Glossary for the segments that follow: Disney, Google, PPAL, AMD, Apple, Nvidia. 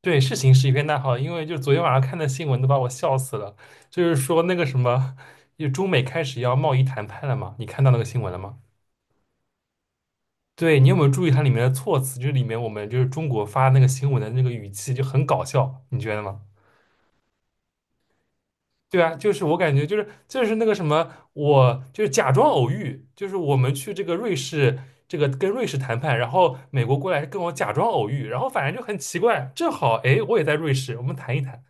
对，是形势一片大好，因为就昨天晚上看的新闻都把我笑死了，就是说那个什么，就中美开始要贸易谈判了嘛，你看到那个新闻了吗？对，你有没有注意它里面的措辞？就是里面我们就是中国发那个新闻的那个语气就很搞笑，你觉得吗？对啊，就是我感觉就是那个什么，我就是假装偶遇，就是我们去这个瑞士，这个跟瑞士谈判，然后美国过来跟我假装偶遇，然后反正就很奇怪，正好哎我也在瑞士，我们谈一谈。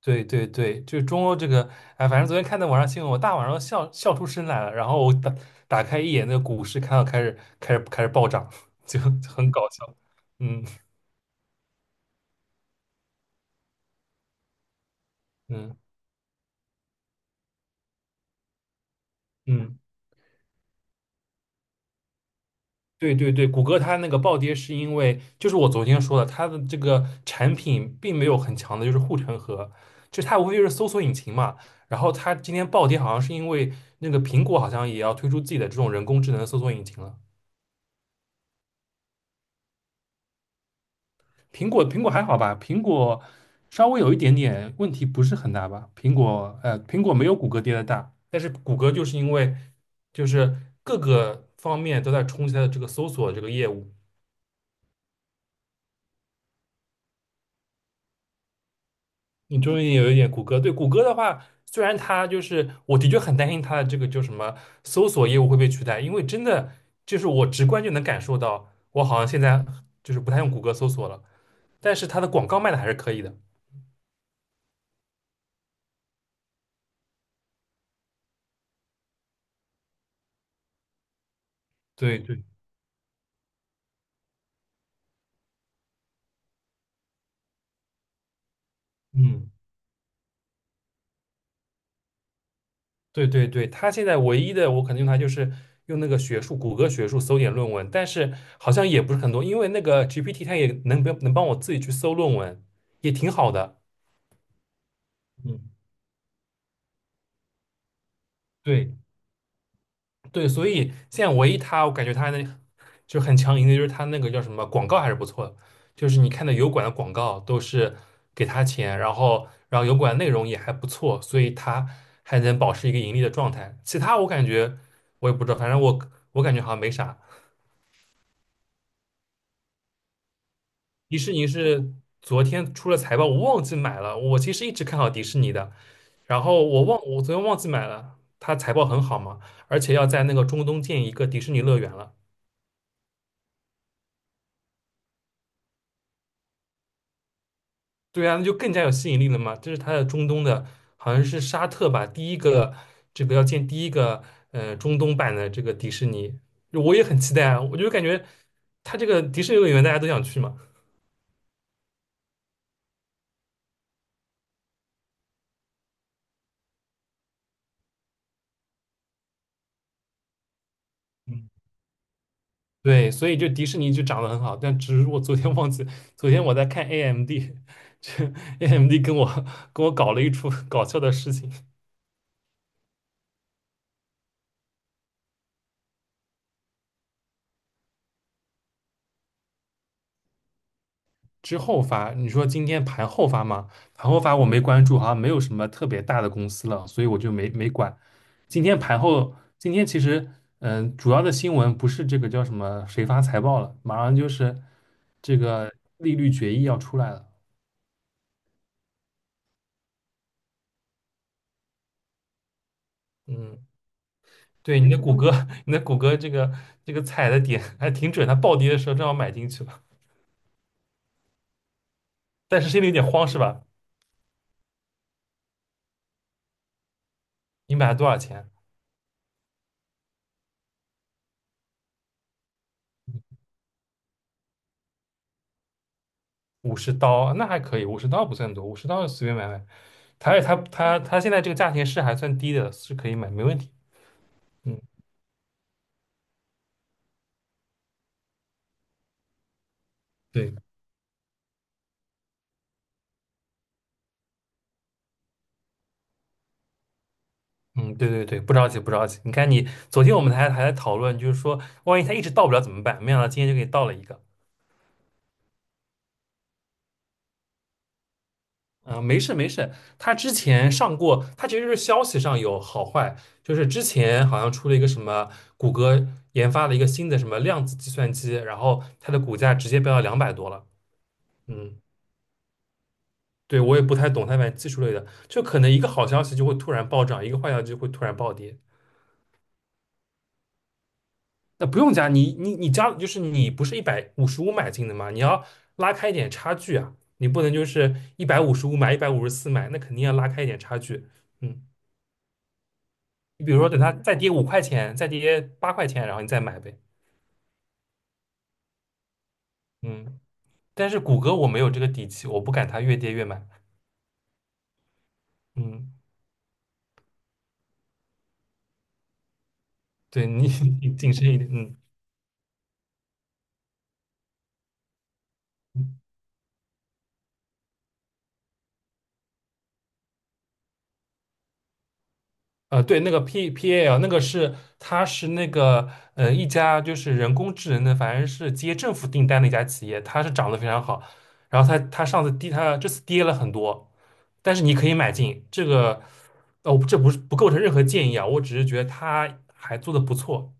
对对对，就是中欧这个，哎，反正昨天看到网上新闻，我大晚上笑出声来了。然后我打开一眼那个股市，看到开始暴涨，就很搞笑。嗯嗯嗯。对对对，谷歌它那个暴跌是因为，就是我昨天说的，它的这个产品并没有很强的，就是护城河，就它无非就是搜索引擎嘛。然后它今天暴跌，好像是因为那个苹果好像也要推出自己的这种人工智能搜索引擎了。苹果还好吧？苹果稍微有一点点问题，不是很大吧？苹果没有谷歌跌的大，但是谷歌就是因为就是各个方面都在冲击它的这个搜索这个业务。你终于有一点谷歌。对谷歌的话，虽然它就是我的确很担心它的这个就什么搜索业务会被取代，因为真的就是我直观就能感受到，我好像现在就是不太用谷歌搜索了，但是它的广告卖的还是可以的。对对，嗯。对对对，他现在唯一的我可能用它就是用那个学术，谷歌学术搜点论文，但是好像也不是很多，因为那个 GPT 它也能能帮我自己去搜论文，也挺好的。嗯，对对，所以现在唯一他我感觉它那就很强硬的，就是他那个叫什么广告还是不错的，就是你看的油管的广告都是给他钱，然后油管内容也还不错，所以他还能保持一个盈利的状态。其他我感觉我也不知道，反正我感觉好像没啥。迪士尼是昨天出了财报，我忘记买了。我其实一直看好迪士尼的，然后我昨天忘记买了。它财报很好嘛，而且要在那个中东建一个迪士尼乐园了。对啊，那就更加有吸引力了嘛。这是它的中东的，好像是沙特吧，第一个这个要建第一个中东版的这个迪士尼，我也很期待啊。我就感觉它这个迪士尼乐园大家都想去嘛。对，所以就迪士尼就涨得很好，但只是我昨天忘记，昨天我在看 AMD，这 AMD 跟我搞了一出搞笑的事情。之后发，你说今天盘后发吗？盘后发我没关注，好像没有什么特别大的公司了，所以我就没管。今天盘后，今天其实主要的新闻不是这个叫什么谁发财报了，马上就是这个利率决议要出来了，嗯。对，你的谷歌，你的谷歌这个踩的点还挺准，它暴跌的时候正好买进去了，但是心里有点慌是吧？你买了多少钱？五十刀，那还可以，五十刀不算多，五十刀随便买买。它现在这个价钱是还算低的，是可以买，没问题。嗯，对，嗯，对对对，不着急不着急。你看你昨天我们还在讨论，就是说万一它一直到不了怎么办？没想到今天就给你到了一个。啊，没事没事，他之前上过，他其实是消息上有好坏，就是之前好像出了一个什么谷歌研发了一个新的什么量子计算机，然后它的股价直接飙到两百多了。嗯，对，我也不太懂它反正技术类的，就可能一个好消息就会突然暴涨，一个坏消息就会突然暴跌。那不用加，你加，就是你不是一百五十五买进的嘛，你要拉开一点差距啊，你不能就是一百五十五买一百五十四买，那肯定要拉开一点差距。嗯。你比如说等它再跌五块钱，再跌八块钱，然后你再买呗。嗯，但是谷歌我没有这个底气，我不敢它越跌越买。嗯，对你 你谨慎一点。嗯，对，那个 P P A L 那个是它是那个一家就是人工智能的，反正是接政府订单的一家企业，它是涨得非常好。然后它上次跌，它这次跌了很多，但是你可以买进这个。哦，这不是不构成任何建议啊，我只是觉得它还做得不错。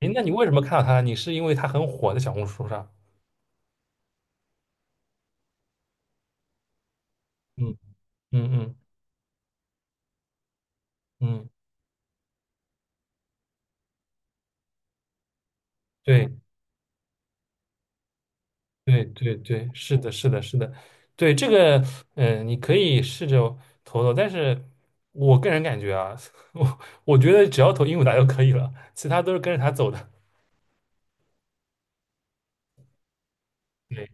诶，那你为什么看到他？你是因为他很火在小红书上？嗯嗯嗯嗯，对对对对，是的，是的，是的，对这个，你可以试着投投，但是我个人感觉啊，我我觉得只要投鹦鹉达就可以了，其他都是跟着他走的。对。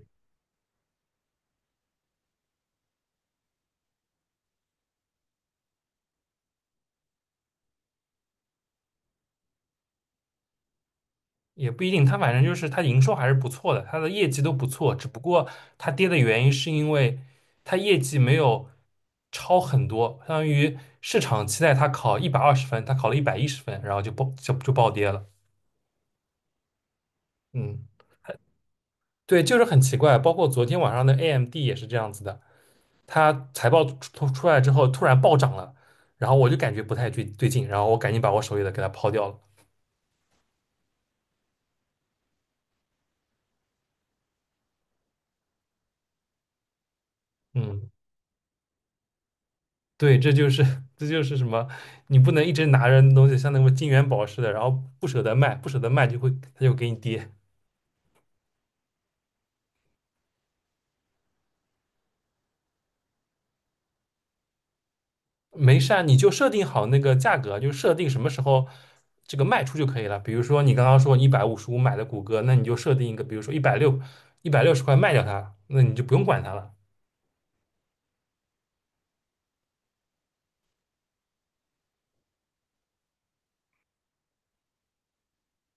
也不一定，它反正就是它营收还是不错的，它的业绩都不错，只不过它跌的原因是因为它业绩没有超很多，相当于市场期待它考一百二十分，它考了一百一十分，然后就爆就就暴跌了。嗯，对，就是很奇怪，包括昨天晚上的 AMD 也是这样子的，它财报出来之后突然暴涨了，然后我就感觉不太对劲，然后我赶紧把我手里的给它抛掉了。嗯。对，这就是 这就是什么？你不能一直拿着那东西，像那个金元宝似的，然后不舍得卖，不舍得卖就会它就给你跌。没事啊，你就设定好那个价格，就设定什么时候这个卖出就可以了。比如说你刚刚说一百五十五买的谷歌，那你就设定一个，比如说一百六十块卖掉它，那你就不用管它了。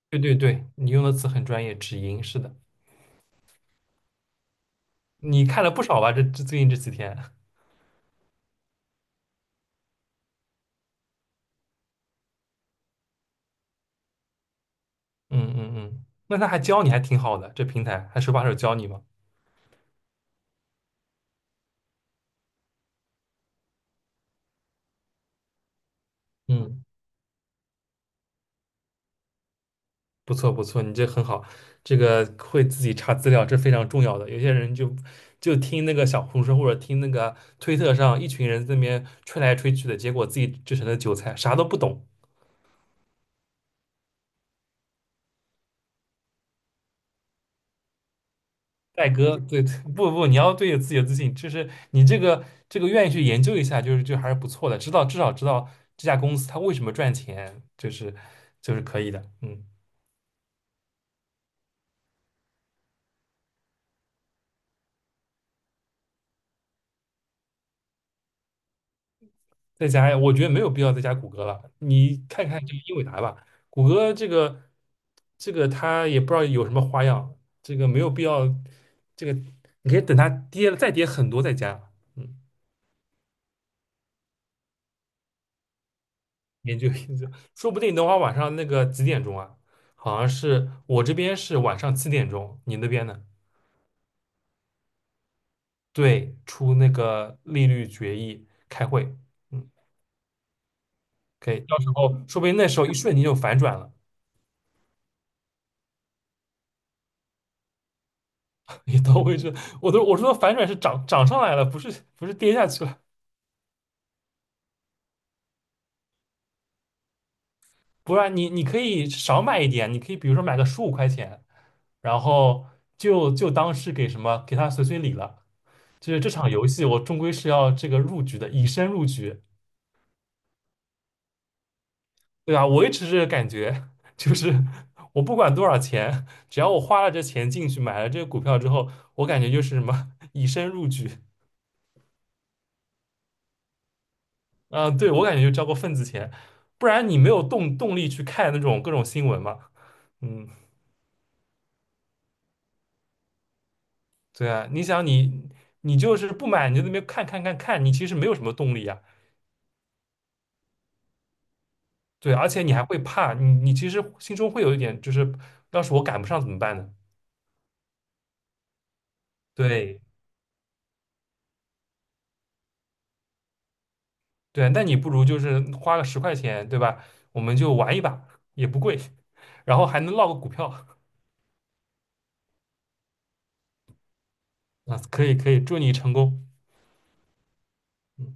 对对对，你用的词很专业，止盈是的，你看了不少吧？这最近这几天，嗯嗯嗯，那他还教你还挺好的，这平台还手把手教你吗？嗯。不错不错，你这很好，这个会自己查资料，这非常重要的。有些人就听那个小红书或者听那个推特上一群人在那边吹来吹去的，结果自己就成了韭菜，啥都不懂。戴哥，对，不不，你要对有自己有自信，就是你这个愿意去研究一下，就是还是不错的，至少知道这家公司它为什么赚钱，就是可以的，嗯。再加呀，我觉得没有必要再加谷歌了。你看看这个英伟达吧，谷歌这个它也不知道有什么花样，这个没有必要。这个你可以等它跌了再跌很多再加，嗯，研究研究，说不定等会儿晚上那个几点钟啊？好像是我这边是晚上七点钟，你那边呢？对，出那个利率决议开会，嗯，可以，到时候说不定那时候一瞬间就反转了。也到位置，我说反转是涨上来了，不是不是跌下去了。不然你可以少买一点，你可以比如说买个十五块钱，然后就当是给什么给他随礼了。就是这场游戏，我终归是要这个入局的，以身入局，对吧？我一直是感觉，就是我不管多少钱，只要我花了这钱进去买了这个股票之后，我感觉就是什么以身入局啊、对我感觉就交过份子钱，不然你没有动力去看那种各种新闻嘛。嗯，对啊，你想你就是不买，你就在那边看看，你其实没有什么动力啊。对，而且你还会怕，你其实心中会有一点，就是要是我赶不上怎么办呢？对对啊，那你不如就是花个十块钱，对吧？我们就玩一把，也不贵，然后还能落个股票啊，可以可以，祝你成功。嗯。